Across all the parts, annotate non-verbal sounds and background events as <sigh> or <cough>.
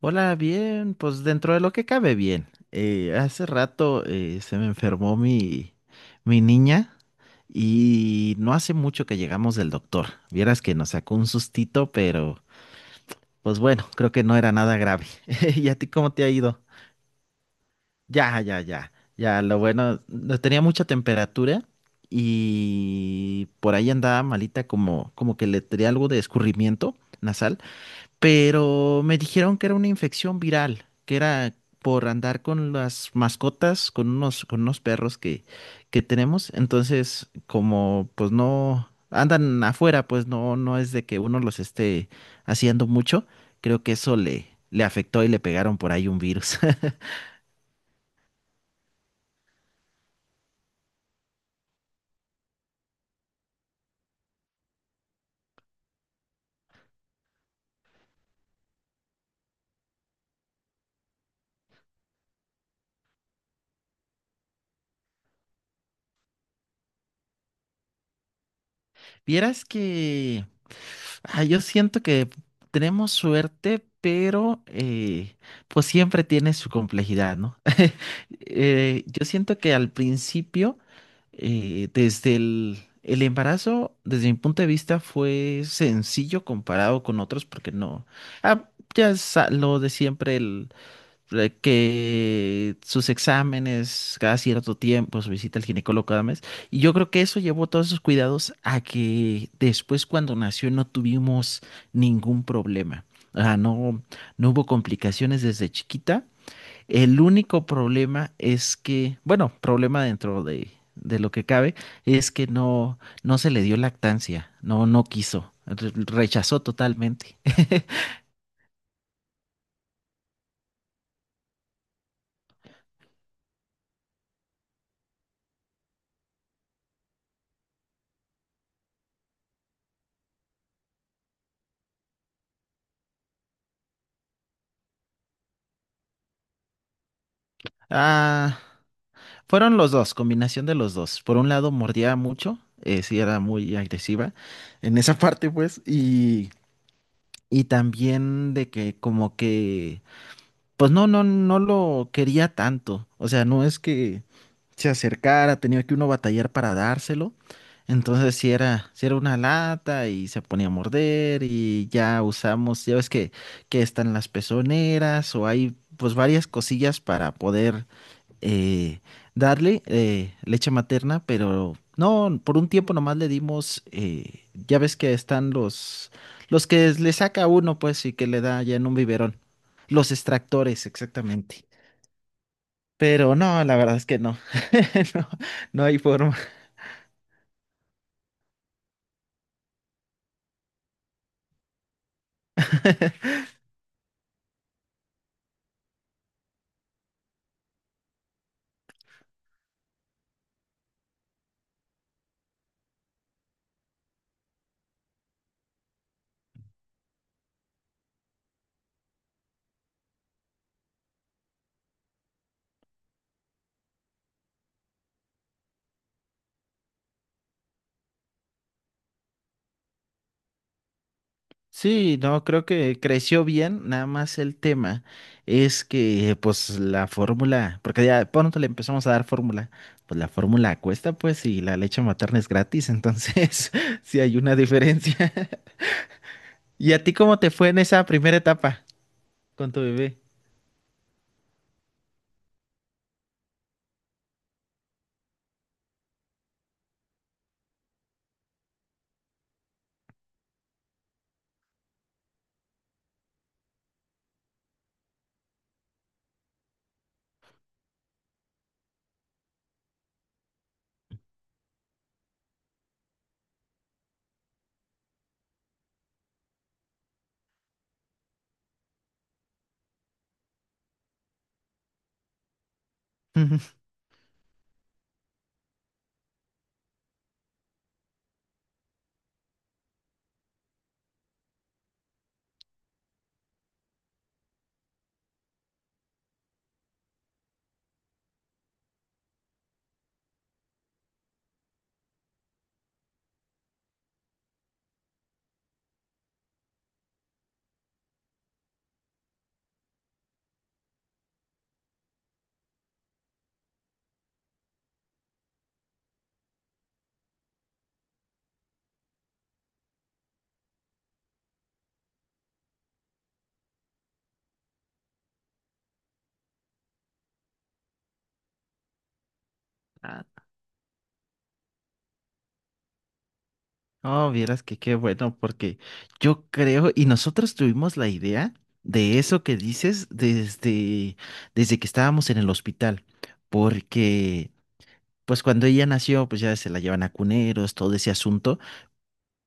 Hola, bien, pues dentro de lo que cabe bien. Hace rato se me enfermó mi niña y no hace mucho que llegamos del doctor. Vieras que nos sacó un sustito, pero pues bueno, creo que no era nada grave. <laughs> ¿Y a ti cómo te ha ido? Ya, ya, ya, ya, lo bueno, no tenía mucha temperatura y por ahí andaba malita como que le tenía algo de escurrimiento nasal, pero me dijeron que era una infección viral, que era por andar con las mascotas, con unos perros que tenemos. Entonces, como pues no andan afuera, pues no es de que uno los esté haciendo mucho. Creo que eso le afectó y le pegaron por ahí un virus. <laughs> Vieras que yo siento que tenemos suerte, pero pues siempre tiene su complejidad, ¿no? Yo siento que al principio, desde el embarazo, desde mi punto de vista, fue sencillo comparado con otros, porque no. Ah, ya es lo de siempre, que sus exámenes cada cierto tiempo, su visita al ginecólogo cada mes. Y yo creo que eso llevó todos esos cuidados a que después, cuando nació, no tuvimos ningún problema. Ah, no, no hubo complicaciones desde chiquita. El único problema es que, bueno, problema dentro de lo que cabe, es que no se le dio lactancia, no quiso, rechazó totalmente. <laughs> Ah, Fueron los dos, combinación de los dos. Por un lado, mordía mucho, sí era muy agresiva en esa parte, pues, y también de que como que, pues no lo quería tanto. O sea, no es que se acercara, tenía que uno batallar para dárselo. Entonces si era una lata y se ponía a morder y ya usamos, ya ves que están las pezoneras o hay pues varias cosillas para poder eh, darle leche materna, pero no, por un tiempo nomás le dimos, ya ves que están los que le saca uno pues y que le da ya en un biberón, los extractores exactamente. Pero no, la verdad es que no. <laughs> No, no hay forma. <laughs> Sí, no, creo que creció bien, nada más el tema es que pues la fórmula, porque ya pronto le empezamos a dar fórmula, pues la fórmula cuesta pues y la leche materna es gratis, entonces <laughs> sí hay una diferencia. <laughs> ¿Y a ti cómo te fue en esa primera etapa con tu bebé? <laughs> Ah, oh, vieras que qué bueno, porque yo creo, y nosotros tuvimos la idea de eso que dices desde, desde que estábamos en el hospital, porque pues cuando ella nació, pues ya se la llevan a cuneros, todo ese asunto,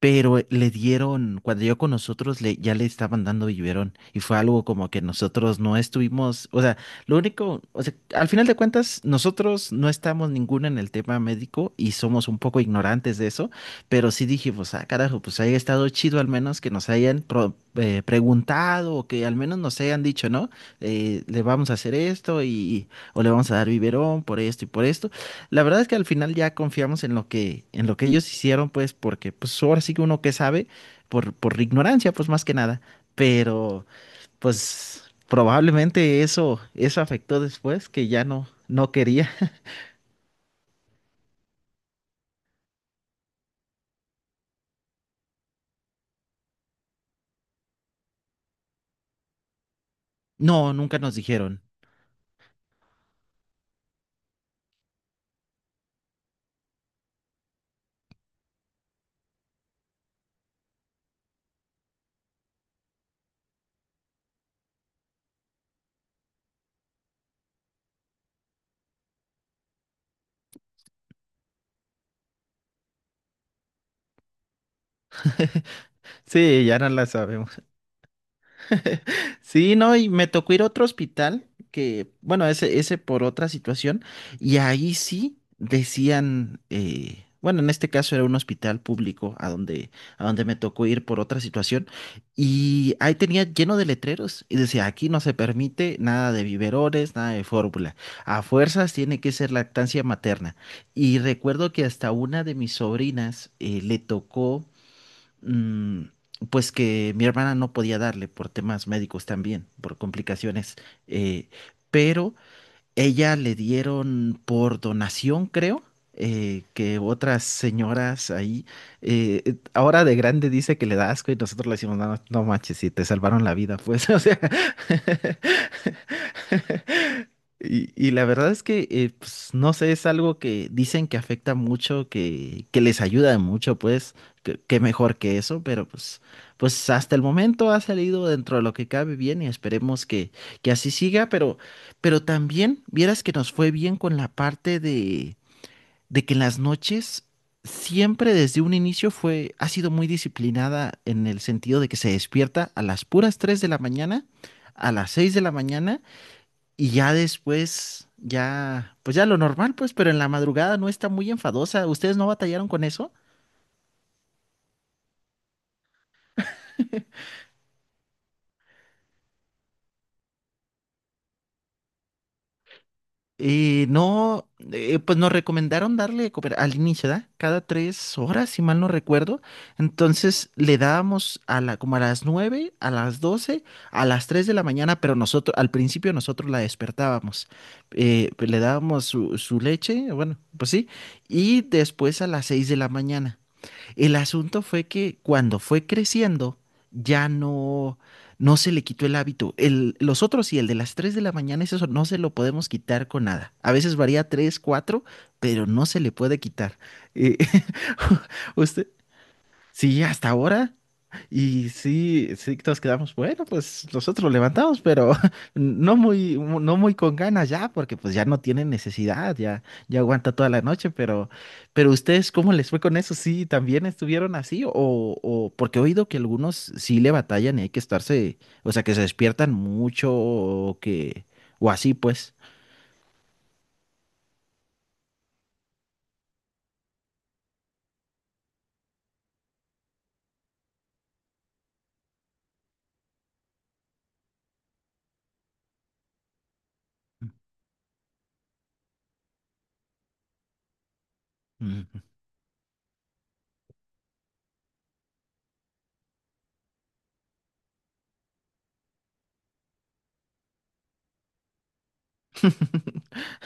pero le dieron, cuando llegó con nosotros, ya le estaban dando biberón. Y fue algo como que nosotros no estuvimos, o sea, lo único, o sea, al final de cuentas, nosotros no estamos ninguno en el tema médico y somos un poco ignorantes de eso, pero sí dijimos, ah, carajo, pues haya estado chido al menos que nos hayan preguntado o que al menos nos hayan dicho, ¿no? Le vamos a hacer esto y, o le vamos a dar biberón por esto y por esto. La verdad es que al final ya confiamos en lo en lo que ellos hicieron, pues, porque pues ahora sí que uno que sabe, por ignorancia, pues más que nada. Pero, pues, probablemente eso, eso afectó después, que ya no quería. <laughs> No, nunca nos dijeron. Sí, ya no la sabemos. Sí, no, y me tocó ir a otro hospital, que, bueno, ese por otra situación, y ahí sí decían, bueno, en este caso era un hospital público a donde me tocó ir por otra situación, y ahí tenía lleno de letreros, y decía, aquí no se permite nada de biberones, nada de fórmula, a fuerzas tiene que ser lactancia materna. Y recuerdo que hasta una de mis sobrinas le tocó mm, pues que mi hermana no podía darle por temas médicos también, por complicaciones, eh, pero ella le dieron por donación, creo. Que otras señoras ahí, ahora de grande dice que le da asco y nosotros le decimos, no, no manches, si te salvaron la vida, pues, <laughs> o sea, <laughs> Y, y la verdad es que, pues, no sé, es algo que dicen que afecta mucho, que les ayuda mucho, pues, que mejor que eso, pero pues, pues hasta el momento ha salido dentro de lo que cabe bien y esperemos que así siga, pero también vieras que nos fue bien con la parte de que en las noches siempre desde un inicio fue, ha sido muy disciplinada en el sentido de que se despierta a las puras 3 de la mañana, a las 6 de la mañana y ya después, ya, pues ya lo normal, pues, pero en la madrugada no está muy enfadosa. ¿Ustedes no batallaron con eso? No, pues nos recomendaron darle de comer al inicio, ¿da? Cada 3 horas, si mal no recuerdo. Entonces le dábamos como a las 9, a las 12, a las 3 de la mañana, pero nosotros, al principio nosotros la despertábamos. Pues, le dábamos su leche, bueno, pues sí, y después a las 6 de la mañana. El asunto fue que cuando fue creciendo, ya no se le quitó el hábito. El, los otros y el de las 3 de la mañana, es eso no se lo podemos quitar con nada. A veces varía 3 cuatro, pero no se le puede quitar. Eh, <laughs> usted, sí, hasta ahora. Y sí, sí, todos quedamos, bueno, pues nosotros lo levantamos, pero <laughs> no muy, no muy con ganas ya, porque pues ya no tienen necesidad, ya, ya aguanta toda la noche, pero ustedes, ¿cómo les fue con eso? ¿Sí también estuvieron así? O porque he oído que algunos sí le batallan y hay que estarse, o sea, que se despiertan mucho o que, o así pues. Mm. <laughs>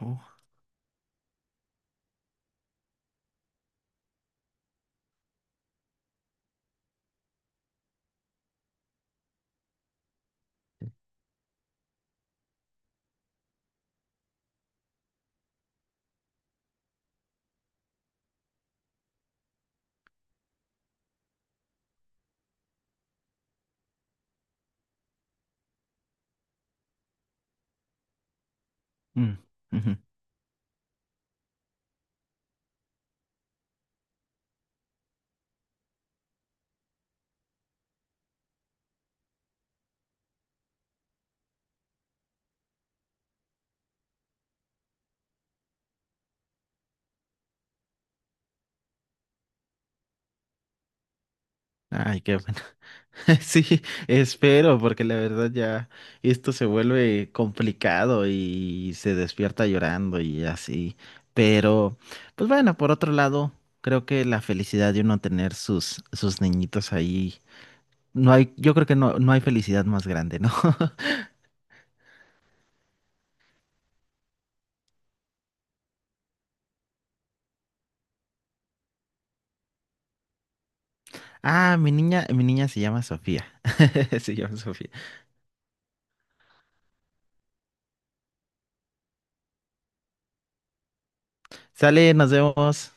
Oh, mm, ujú. Ay, qué bueno. <laughs> Sí, espero, porque la verdad ya esto se vuelve complicado y se despierta llorando y así. Pero, pues bueno, por otro lado, creo que la felicidad de uno tener sus, sus niñitos ahí, no hay, yo creo que no hay felicidad más grande, ¿no? <laughs> Ah, mi niña se llama Sofía. <laughs> Se llama Sofía. Sale, nos vemos.